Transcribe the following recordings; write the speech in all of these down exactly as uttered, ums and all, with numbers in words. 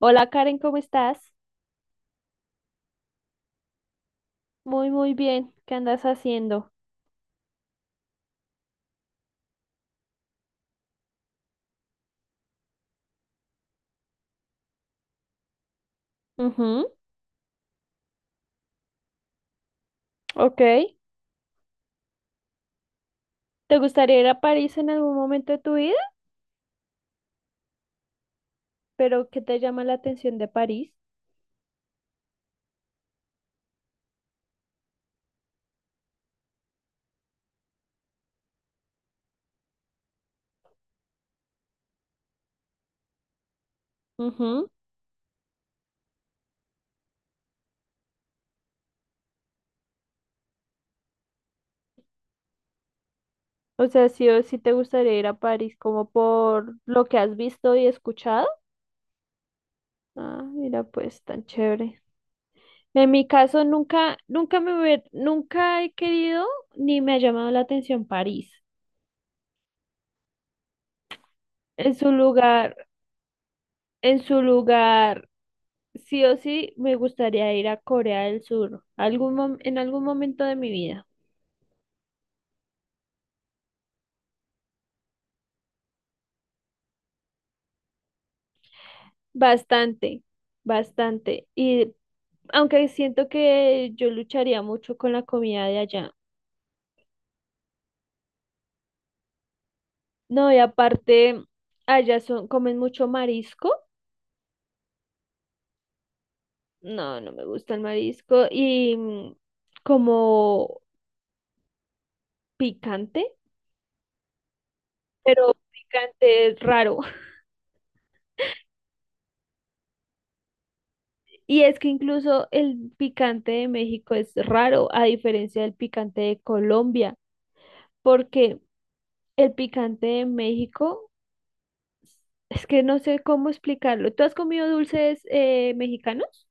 Hola Karen, ¿cómo estás? Muy, muy bien. ¿Qué andas haciendo? Ujú, ok. ¿Te gustaría ir a París en algún momento de tu vida? ¿Pero qué te llama la atención de París? Ujú. O sea, sí o sí te gustaría ir a París como por lo que has visto y escuchado. Ah, mira, pues tan chévere. En mi caso, nunca, nunca me hubiera- nunca he querido ni me ha llamado la atención París. En su lugar, en su lugar. Sí o sí, me gustaría ir a Corea del Sur, algún mom- en algún momento de mi vida. Bastante, bastante. Y aunque siento que yo lucharía mucho con la comida de allá. No, y aparte, allá son, comen mucho marisco. No, no me gusta el marisco. Y mm, como picante, pero picante es raro. Y es que incluso el picante de México es raro, a diferencia del picante de Colombia. Porque El picante de México, es que no sé cómo explicarlo. ¿Tú has comido dulces eh, mexicanos?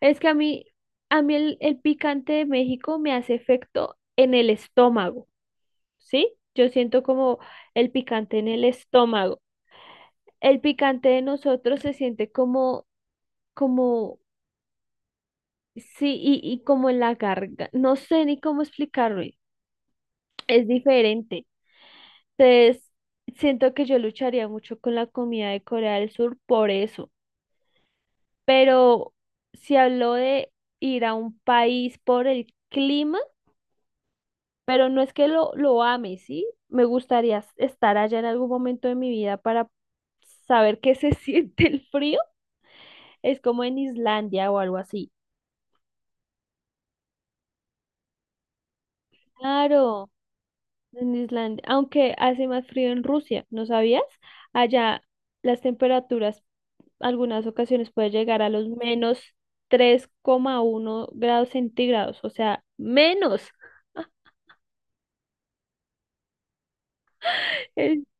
Es que a mí, a mí el, el picante de México me hace efecto en el estómago, ¿sí? Yo siento como el picante en el estómago. El picante de nosotros se siente como, como, sí, y, y como en la garganta. No sé ni cómo explicarlo. Es diferente. Entonces, siento que yo lucharía mucho con la comida de Corea del Sur por eso, pero se habló de ir a un país por el clima, pero no es que lo, lo ame, ¿sí? Me gustaría s- estar allá en algún momento de mi vida para saber qué se siente el frío. Es como en Islandia o algo así. Claro, en Islandia, aunque hace más frío en Rusia, ¿no sabías? Allá las temperaturas algunas ocasiones puede llegar a los menos tres coma uno grados centígrados, o sea, menos.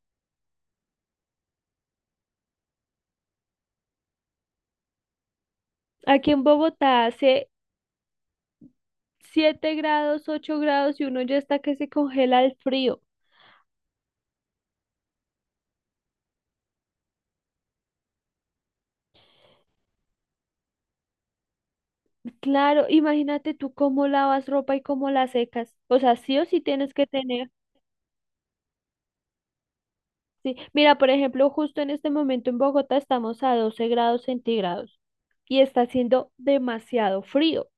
Aquí en Bogotá hace siete grados, ocho grados y uno ya está que se congela el frío. Claro, imagínate tú cómo lavas ropa y cómo la secas. O sea, sí o sí tienes que tener. Sí. Mira, por ejemplo, justo en este momento en Bogotá estamos a doce grados centígrados y está haciendo demasiado frío.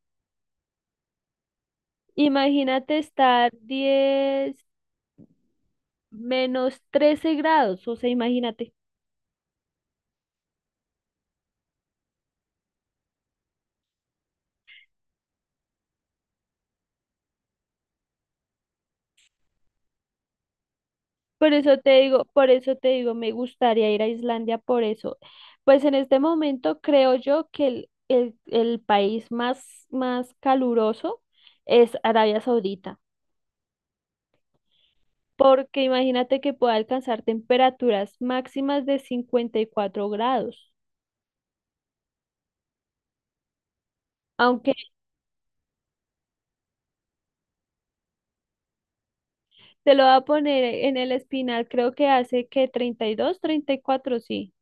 Imagínate estar diez, menos trece grados, o sea, imagínate. Por eso te digo, por eso te digo, me gustaría ir a Islandia por eso. Pues en este momento creo yo que el, el- el país más, más caluroso es Arabia Saudita, porque imagínate que pueda alcanzar temperaturas máximas de cincuenta y cuatro grados. Aunque te lo va a poner en el espinal, creo que hace que treinta treinta y dos, treinta y cuatro, sí.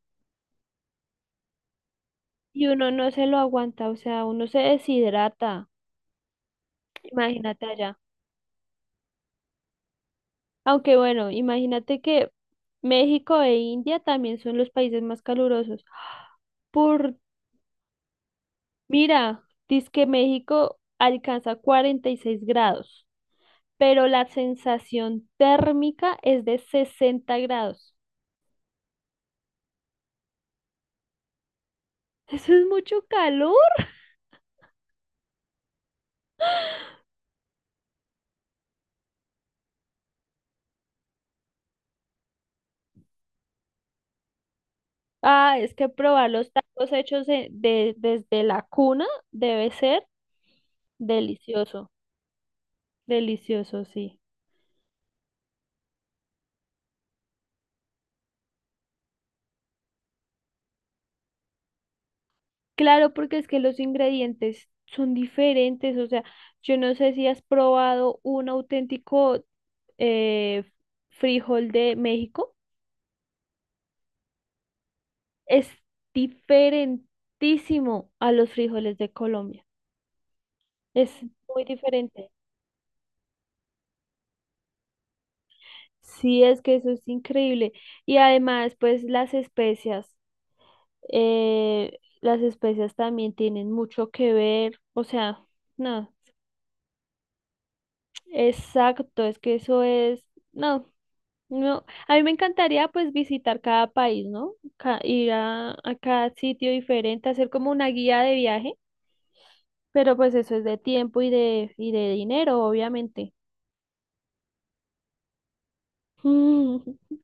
Y uno no se lo aguanta, o sea, uno se deshidrata. Imagínate allá. Aunque bueno, imagínate que México e India también son los países más calurosos. Por, mira, dice que México alcanza cuarenta y seis grados, pero la sensación térmica es de sesenta grados. Eso es mucho calor. Ah, es que probar los tacos hechos en- de- desde la cuna debe ser delicioso, delicioso, sí. Claro, porque es que los ingredientes son diferentes, o sea, yo no sé si has probado un auténtico eh, frijol de México, es diferentísimo a los frijoles de Colombia, es muy diferente. Sí, es que eso es increíble. Y además, pues las especias, eh, las especias también tienen mucho que ver, o sea, no, exacto, es que eso es... No, no, a mí me encantaría pues visitar cada país, ¿no? Ca- ir a, a cada sitio diferente, hacer como una guía de viaje, pero pues eso es de tiempo y de, y de dinero, obviamente. Mm.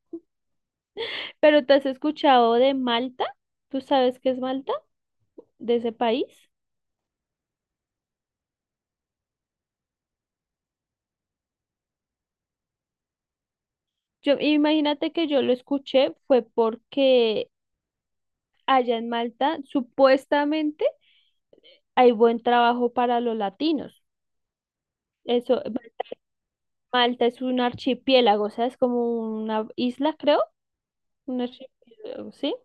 Pero ¿te has escuchado de Malta? ¿Tú sabes qué es Malta? De ese país. Yo, imagínate que yo lo escuché fue porque allá en Malta supuestamente hay buen trabajo para los latinos. Eso, Malta es un archipiélago, o sea, es como una isla, creo. Una archipiélago, ¿sí?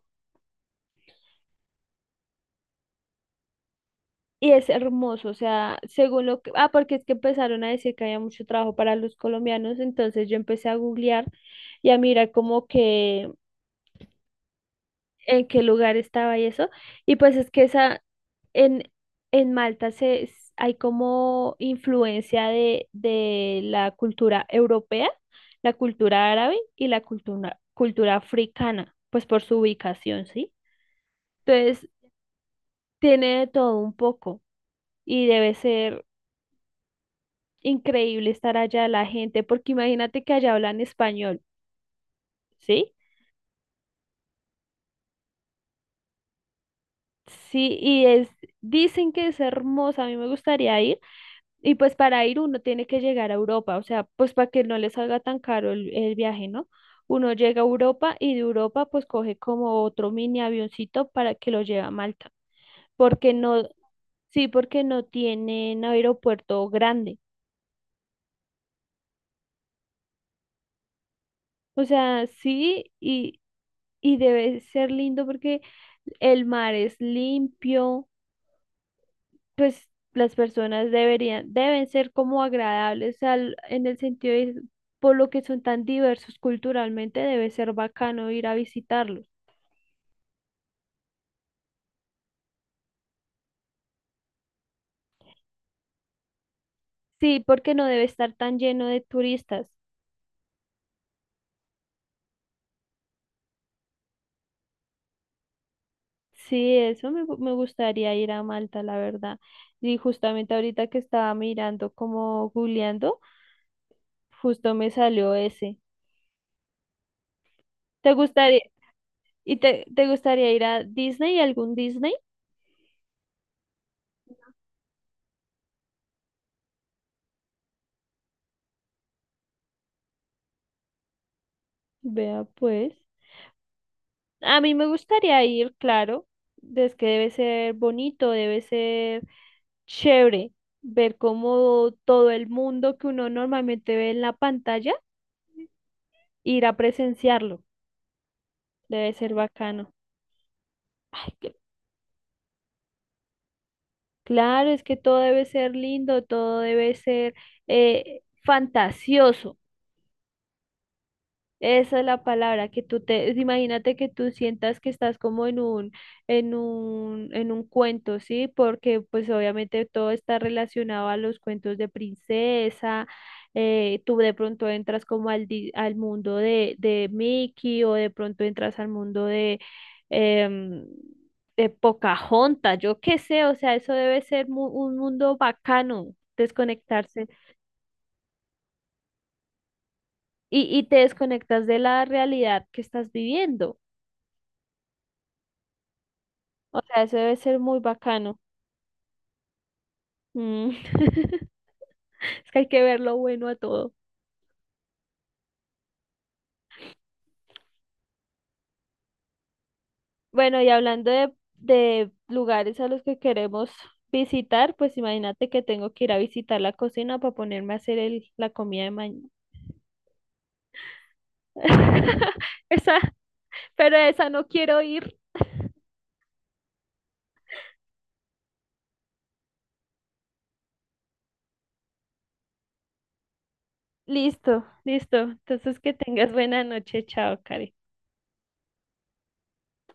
Y es hermoso, o sea, según lo que... Ah, porque es que empezaron a decir que había mucho trabajo para los colombianos, entonces yo empecé a googlear y a mirar como que en qué lugar estaba y eso. Y pues es que esa, en, en Malta se, s- hay como influencia de, de la cultura europea, la cultura árabe y la cultura, cultura africana, pues por su ubicación, ¿sí? Entonces, tiene de todo un poco y debe ser increíble estar allá la gente, porque imagínate que allá hablan español, ¿sí? Sí, y es, dicen que es hermosa, a mí me gustaría ir, y pues para ir uno tiene que llegar a Europa, o sea, pues para que no les salga tan caro el, el viaje, ¿no? Uno llega a Europa y de Europa pues coge como otro mini avioncito para que lo lleve a Malta, porque no, sí, porque no tienen aeropuerto grande, o sea, sí, y, y debe ser lindo porque el mar es limpio, pues las personas deberían, deben ser como agradables al, en el sentido de, por lo que son tan diversos culturalmente, debe ser bacano ir a visitarlos. Sí, porque no debe estar tan lleno de turistas. Sí, eso me, gu- me gustaría ir a Malta, la verdad. Y justamente ahorita que estaba mirando como googleando, justo me salió ese. ¿Te gustaría, y te, te gustaría ir a Disney, ¿algún Disney? Vea pues. A mí me gustaría ir, claro, es que debe ser bonito, debe ser chévere ver cómo todo el mundo que uno normalmente ve en la pantalla, ir a presenciarlo, debe ser bacano. Ay, que- claro, es que todo debe ser lindo, todo debe ser eh, fantasioso. Esa es la palabra, que tú te, imagínate que tú sientas que estás como en un, en un, en un cuento, ¿sí? Porque pues obviamente todo está relacionado a los cuentos de princesa, eh, tú de pronto entras como al, di- al mundo de, de Mickey o de pronto entras al mundo de, em, de Pocahontas, yo qué sé, o sea, eso debe ser mu- un mundo bacano, desconectarse y, y te desconectas de la realidad que estás viviendo. O sea, eso debe ser muy bacano. Mm. Es que hay que ver lo bueno a todo. Bueno, y hablando de, de lugares a los que queremos visitar, pues imagínate que tengo que ir a visitar la cocina para ponerme a hacer el, la comida de mañana. Esa, pero esa no quiero ir. Listo, listo. Entonces que tengas buena noche. Chao, Karen.